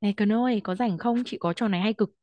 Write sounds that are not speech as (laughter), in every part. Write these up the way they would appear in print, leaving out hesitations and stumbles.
Này Cần ơi, có rảnh không? Chị có trò này hay cực.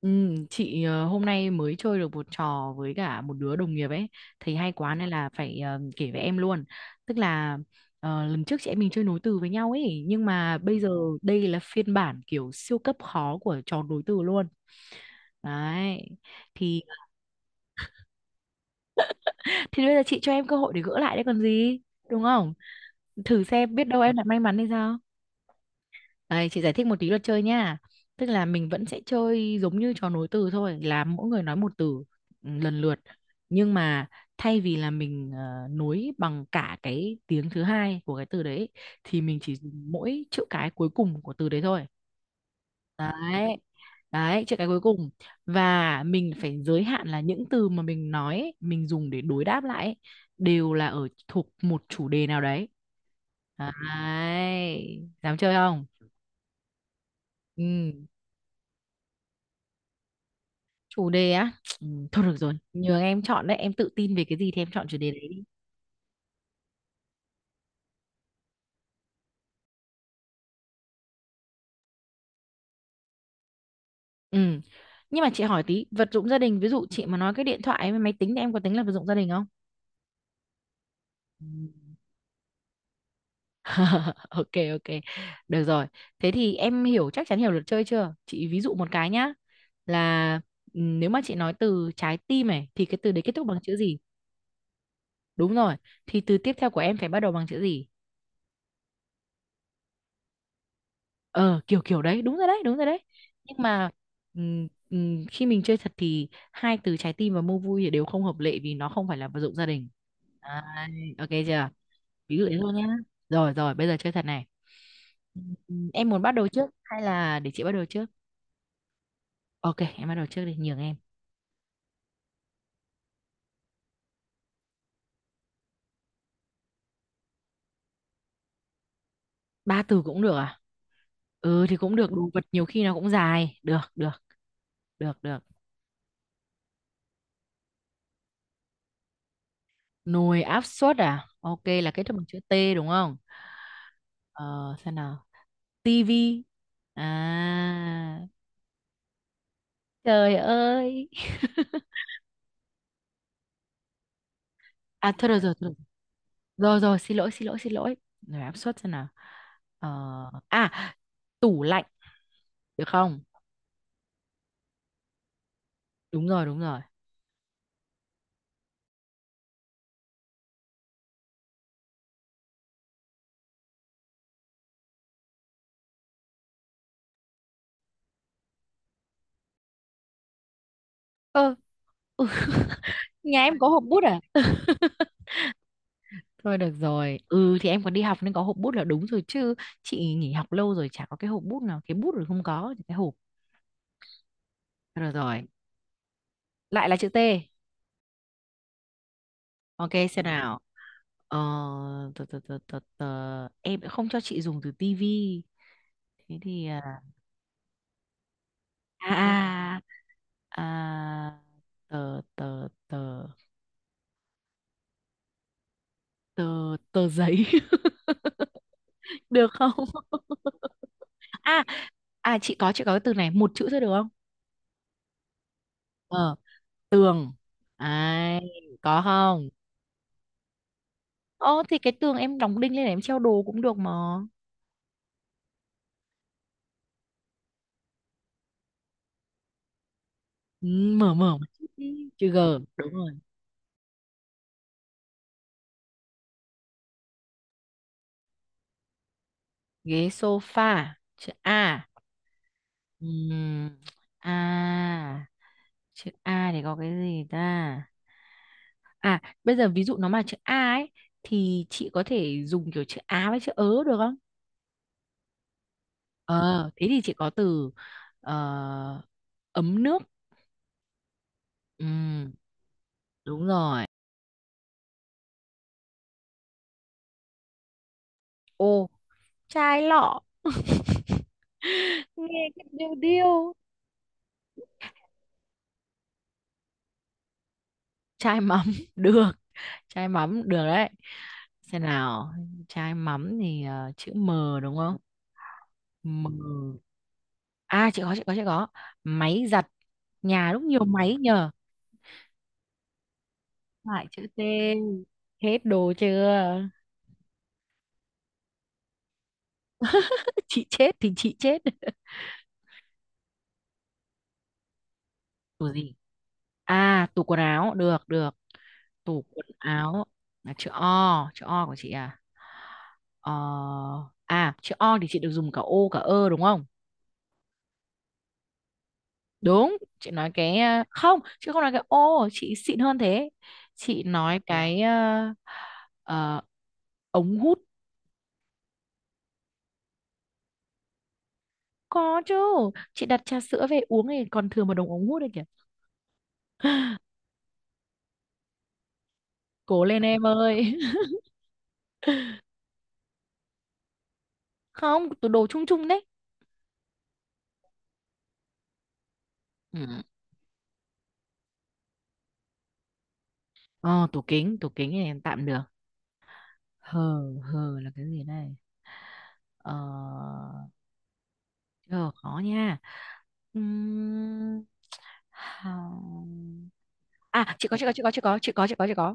Ừ, chị hôm nay mới chơi được một trò với cả một đứa đồng nghiệp ấy. Thấy hay quá nên là phải kể với em luôn. Tức là lần trước chị em mình chơi nối từ với nhau ấy. Nhưng mà bây giờ đây là phiên bản kiểu siêu cấp khó của trò nối từ luôn. Đấy. Thì (laughs) thì bây giờ chị cho em cơ hội để gỡ lại đấy còn gì. Đúng không? Thử xem biết đâu em lại may mắn hay sao. Đây, chị giải thích một tí luật chơi nha. Tức là mình vẫn sẽ chơi giống như trò nối từ thôi, là mỗi người nói một từ lần lượt. Nhưng mà thay vì là mình nối bằng cả cái tiếng thứ hai của cái từ đấy thì mình chỉ dùng mỗi chữ cái cuối cùng của từ đấy thôi. Đấy. Đấy, chữ cái cuối cùng. Và mình phải giới hạn là những từ mà mình nói, ấy, mình dùng để đối đáp lại ấy, đều là ở thuộc một chủ đề nào đấy. Đấy. Dám chơi không? Ừ. Chủ đề á, thôi được rồi, nhường em chọn đấy, em tự tin về cái gì thì em chọn chủ đề đấy đi. Ừ, nhưng mà chị hỏi tí, vật dụng gia đình ví dụ chị mà nói cái điện thoại với máy tính thì em có tính là vật dụng gia đình không? Ừ. (laughs) Ok ok, được rồi, thế thì em hiểu, chắc chắn hiểu luật chơi chưa, chị ví dụ một cái nhá. Là nếu mà chị nói từ trái tim này thì cái từ đấy kết thúc bằng chữ gì? Đúng rồi, thì từ tiếp theo của em phải bắt đầu bằng chữ gì? Ờ kiểu kiểu đấy, đúng rồi đấy, đúng rồi đấy. Nhưng mà khi mình chơi thật thì hai từ trái tim và mua vui thì đều không hợp lệ vì nó không phải là vật dụng gia đình. Đấy, ok chưa, ví dụ thế thôi nhá, rồi rồi bây giờ chơi thật này. Em muốn bắt đầu trước hay là để chị bắt đầu trước? Ok em bắt đầu trước đi, nhường em. Ba từ cũng được à? Ừ thì cũng được, đồ vật nhiều khi nó cũng dài, được được, được được. Nồi áp suất à, ok, là kết thúc bằng chữ T đúng không? Ờ xem nào. Tivi. À, trời ơi. À thôi được rồi, thôi được, rồi rồi rồi, xin lỗi xin lỗi xin lỗi. Áp suất xem nào. ờ, à Tủ lạnh, được không? Đúng rồi, đúng rồi. Ờ, nhà em có hộp bút à? Thôi được rồi, ừ thì em còn đi học nên có hộp bút là đúng rồi chứ. Chị nghỉ học lâu rồi chả có cái hộp bút nào, cái bút rồi không có thì cái hộp. Rồi rồi. Lại là chữ T. Ok xem nào. Ờ, tờ, tờ, tờ, tờ, tờ. Em lại không cho chị dùng từ tivi. Thế thì à, à tờ tờ tờ tờ tờ giấy. (laughs) Được không? à chị có, chị có cái từ này một chữ thôi được không? Ờ, ai, có không? Ô thì cái tường em đóng đinh lên để em treo đồ cũng được mà. Ừ, mở mở một chút đi. Chữ G. Đúng rồi. Ghế sofa, chữ A. Ừm, A, chữ A thì có cái gì ta. À, bây giờ ví dụ nó mà chữ A ấy thì chị có thể dùng kiểu chữ á với chữ ớ được không? Ờ, thế thì chị có từ ờ, ấm nước. Ừ, đúng rồi. Ô, chai lọ, nghe cái điêu điêu. Chai mắm (laughs) được, chai mắm được đấy. Xem nào, chai mắm thì chữ M đúng không? M. À, chị có. Máy giặt. Nhà lúc nhiều máy nhờ. Lại chữ T. Hết đồ chưa? Chị chết thì chị chết. (laughs) Tủ gì, à tủ quần áo được được, tủ quần áo là chữ O. Chữ O của chị à. ờ, Chữ O thì chị được dùng cả ô cả ơ đúng không? Đúng, chị nói cái không, chị không nói cái ô, chị xịn hơn thế. Chị nói cái ờ, ống hút. Có chứ, chị đặt trà sữa về uống thì còn thừa một đống ống hút đấy kìa. Cố lên em ơi. (laughs) Không, tủ đồ chung chung đấy. Ừ. Ờ, tủ kính, tủ kính thì tạm được. Hờ hờ là cái gì đây. ờ Chờ khó nha. Ừm, hà- à chị có chị có chị có chị có chị có chị có chị có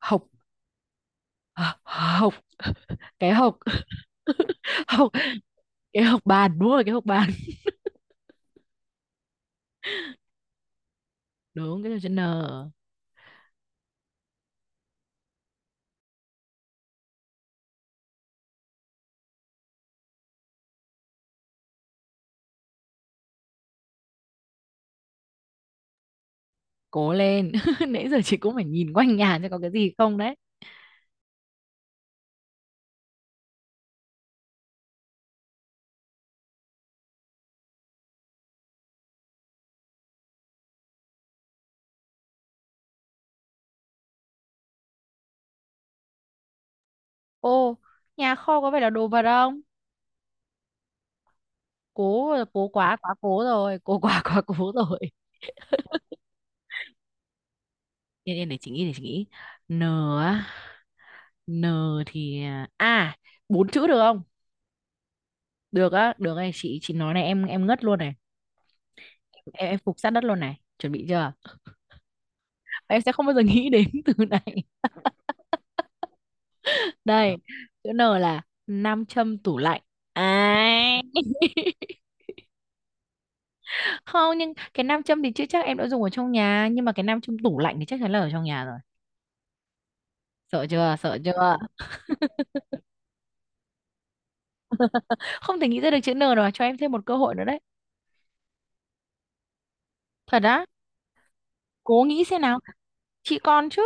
hộc. Ờ, hộc (laughs) cái hộc. (laughs) Hộc, cái hộc bàn, đúng rồi, cái hộc bàn. Đúng, cái từ chữ n. Cố lên. (laughs) Nãy giờ chị cũng phải nhìn quanh nhà xem có cái gì không đấy. Ô, nhà kho có phải là đồ vật không? Cố là cố quá, quá cố rồi, cố quá, quá cố rồi. Yên yên để chị nghĩ, để chị nghĩ. N á. N thì bốn chữ được không? Được á, được này, chị nói này em ngất luôn này. Em phục sát đất luôn này. Chuẩn bị chưa? Em sẽ không bao giờ nghĩ đến (laughs) từ này. Đây, chữ N là nam châm tủ lạnh. À, không nhưng cái nam châm thì chưa chắc em đã dùng ở trong nhà, nhưng mà cái nam châm tủ lạnh thì chắc chắn là ở trong nhà rồi. Sợ chưa? Sợ chưa? Không thể nghĩ ra được chữ N rồi, cho em thêm một cơ hội nữa đấy. Thật á? Cố nghĩ xem nào. Chị con chứ.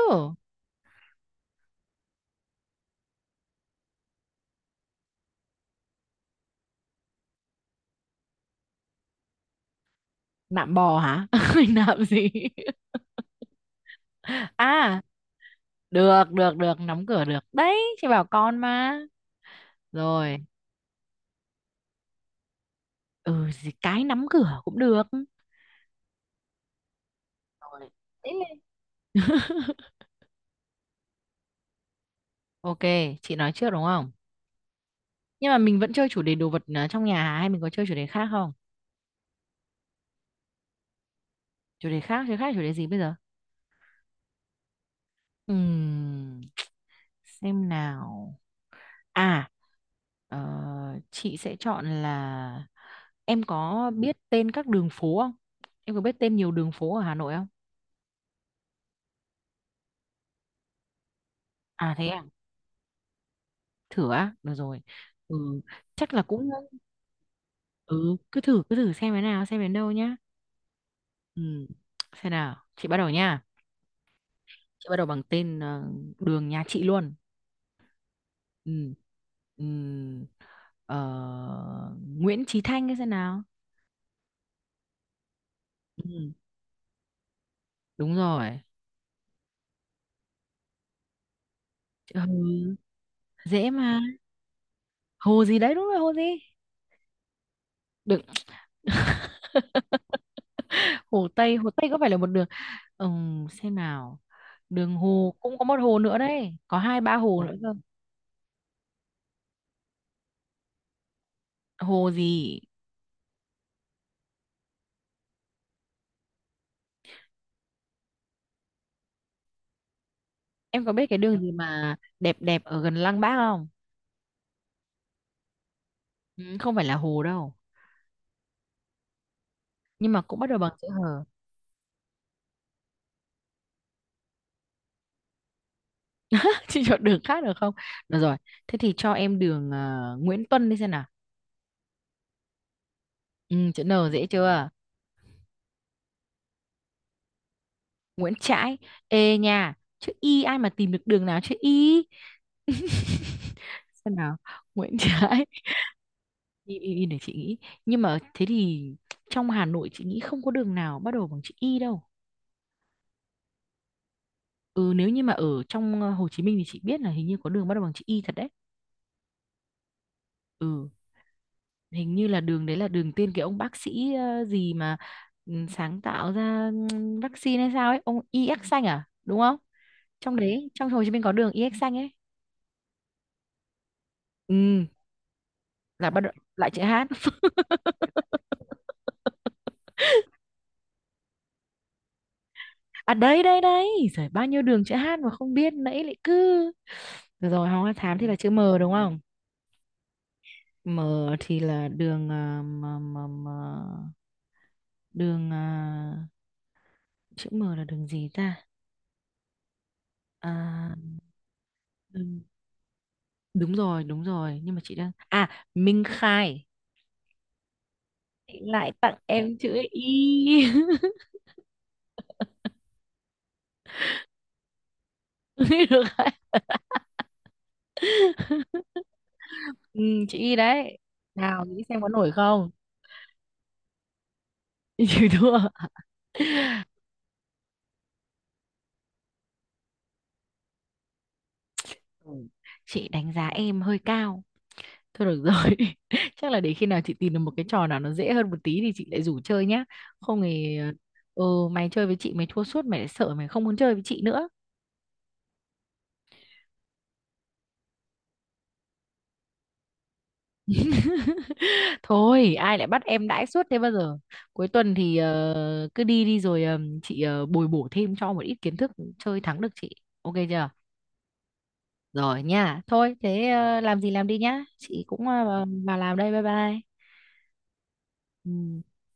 Nạm bò hả? (laughs) Nạm gì? (laughs) À, được được được, nắm cửa được đấy, chị bảo con mà. Rồi, ừ gì cái nắm cửa cũng được. Rồi. Thế nên- (laughs) Ok, chị nói trước đúng không, nhưng mà mình vẫn chơi chủ đề đồ vật à, trong nhà hả? Hay mình có chơi chủ đề khác không? Chủ đề khác chơi khác, chủ đề gì bây giờ. Ừm, xem nào, à ờ, chị sẽ chọn là em có biết tên các đường phố không, em có biết tên nhiều đường phố ở Hà Nội không? À thế à. Thử á, được rồi. Ừ chắc là cũng, ừ cứ thử, cứ thử xem thế nào, xem đến đâu nhá. Ừ xem nào, chị bắt đầu nha. Chị bắt đầu bằng tên đường nhà chị luôn. ừ ừ ờ, Nguyễn Chí Thanh, cái xem nào. Ừ đúng rồi. Chữ H dễ mà. Hồ gì đấy, đúng rồi, hồ gì. Đừng, hồ Tây, hồ Tây có phải là một đường. Ừ, xem nào, đường hồ cũng có một hồ nữa đấy, có hai ba hồ nữa cơ. Hồ gì? Em có biết cái đường gì mà đẹp đẹp ở gần Lăng Bác không? Ừ, không phải là hồ đâu. Nhưng mà cũng bắt đầu bằng chữ hờ. (laughs) Chị chọn đường khác được không? Được rồi. Thế thì cho em đường Nguyễn Tuân đi xem nào. Ừ, chữ N dễ chưa? Nguyễn Trãi. Ê nha. Chữ Y ai mà tìm được đường nào chữ Y? Xem nào. Nguyễn Trãi. (laughs) Y, y, y để chị nghĩ. Nhưng mà thế thì trong Hà Nội chị nghĩ không có đường nào bắt đầu bằng chữ Y đâu. Ừ, nếu như mà ở trong Hồ Chí Minh thì chị biết là hình như có đường bắt đầu bằng chữ Y thật đấy. Ừ. Hình như là đường đấy là đường tên cái ông bác sĩ gì mà sáng tạo ra vaccine hay sao ấy, ông EX xanh à đúng không, trong đấy trong Hồ Chí Minh có đường EX xanh ấy. Ừ, là bắt đầu lại chữ hát. À đấy đấy đấy, rồi bao nhiêu đường chữ hát mà không biết, nãy lại cứ. Được rồi, Hoàng Hoa Thám thì là chữ M đúng không? M thì là đường à, m, m, m, đường à, chữ M là đường gì ta. À, đường- đúng rồi nhưng mà chị đang à Minh Khai. Chị lại tặng em chữ Y. (laughs) Được đấy. Ừ, chữ Y đấy, nào nghĩ xem có nổi không. (laughs) Chịu thua. Ừ, chị đánh giá em hơi cao. Thôi được rồi. (laughs) Chắc là để khi nào chị tìm được một cái trò nào nó dễ hơn một tí thì chị lại rủ chơi nhá, không thì ừ mày chơi với chị mày thua suốt mày lại sợ mày không muốn chơi với chị nữa. (laughs) Thôi, ai lại bắt em đãi suốt thế bao giờ? Cuối tuần thì cứ đi đi rồi chị bồi bổ thêm cho một ít kiến thức, chơi thắng được chị. Ok chưa? Rồi nha. Thôi, thế làm gì làm đi nhá. Chị cũng vào vào làm đây. Bye bye. Ừ.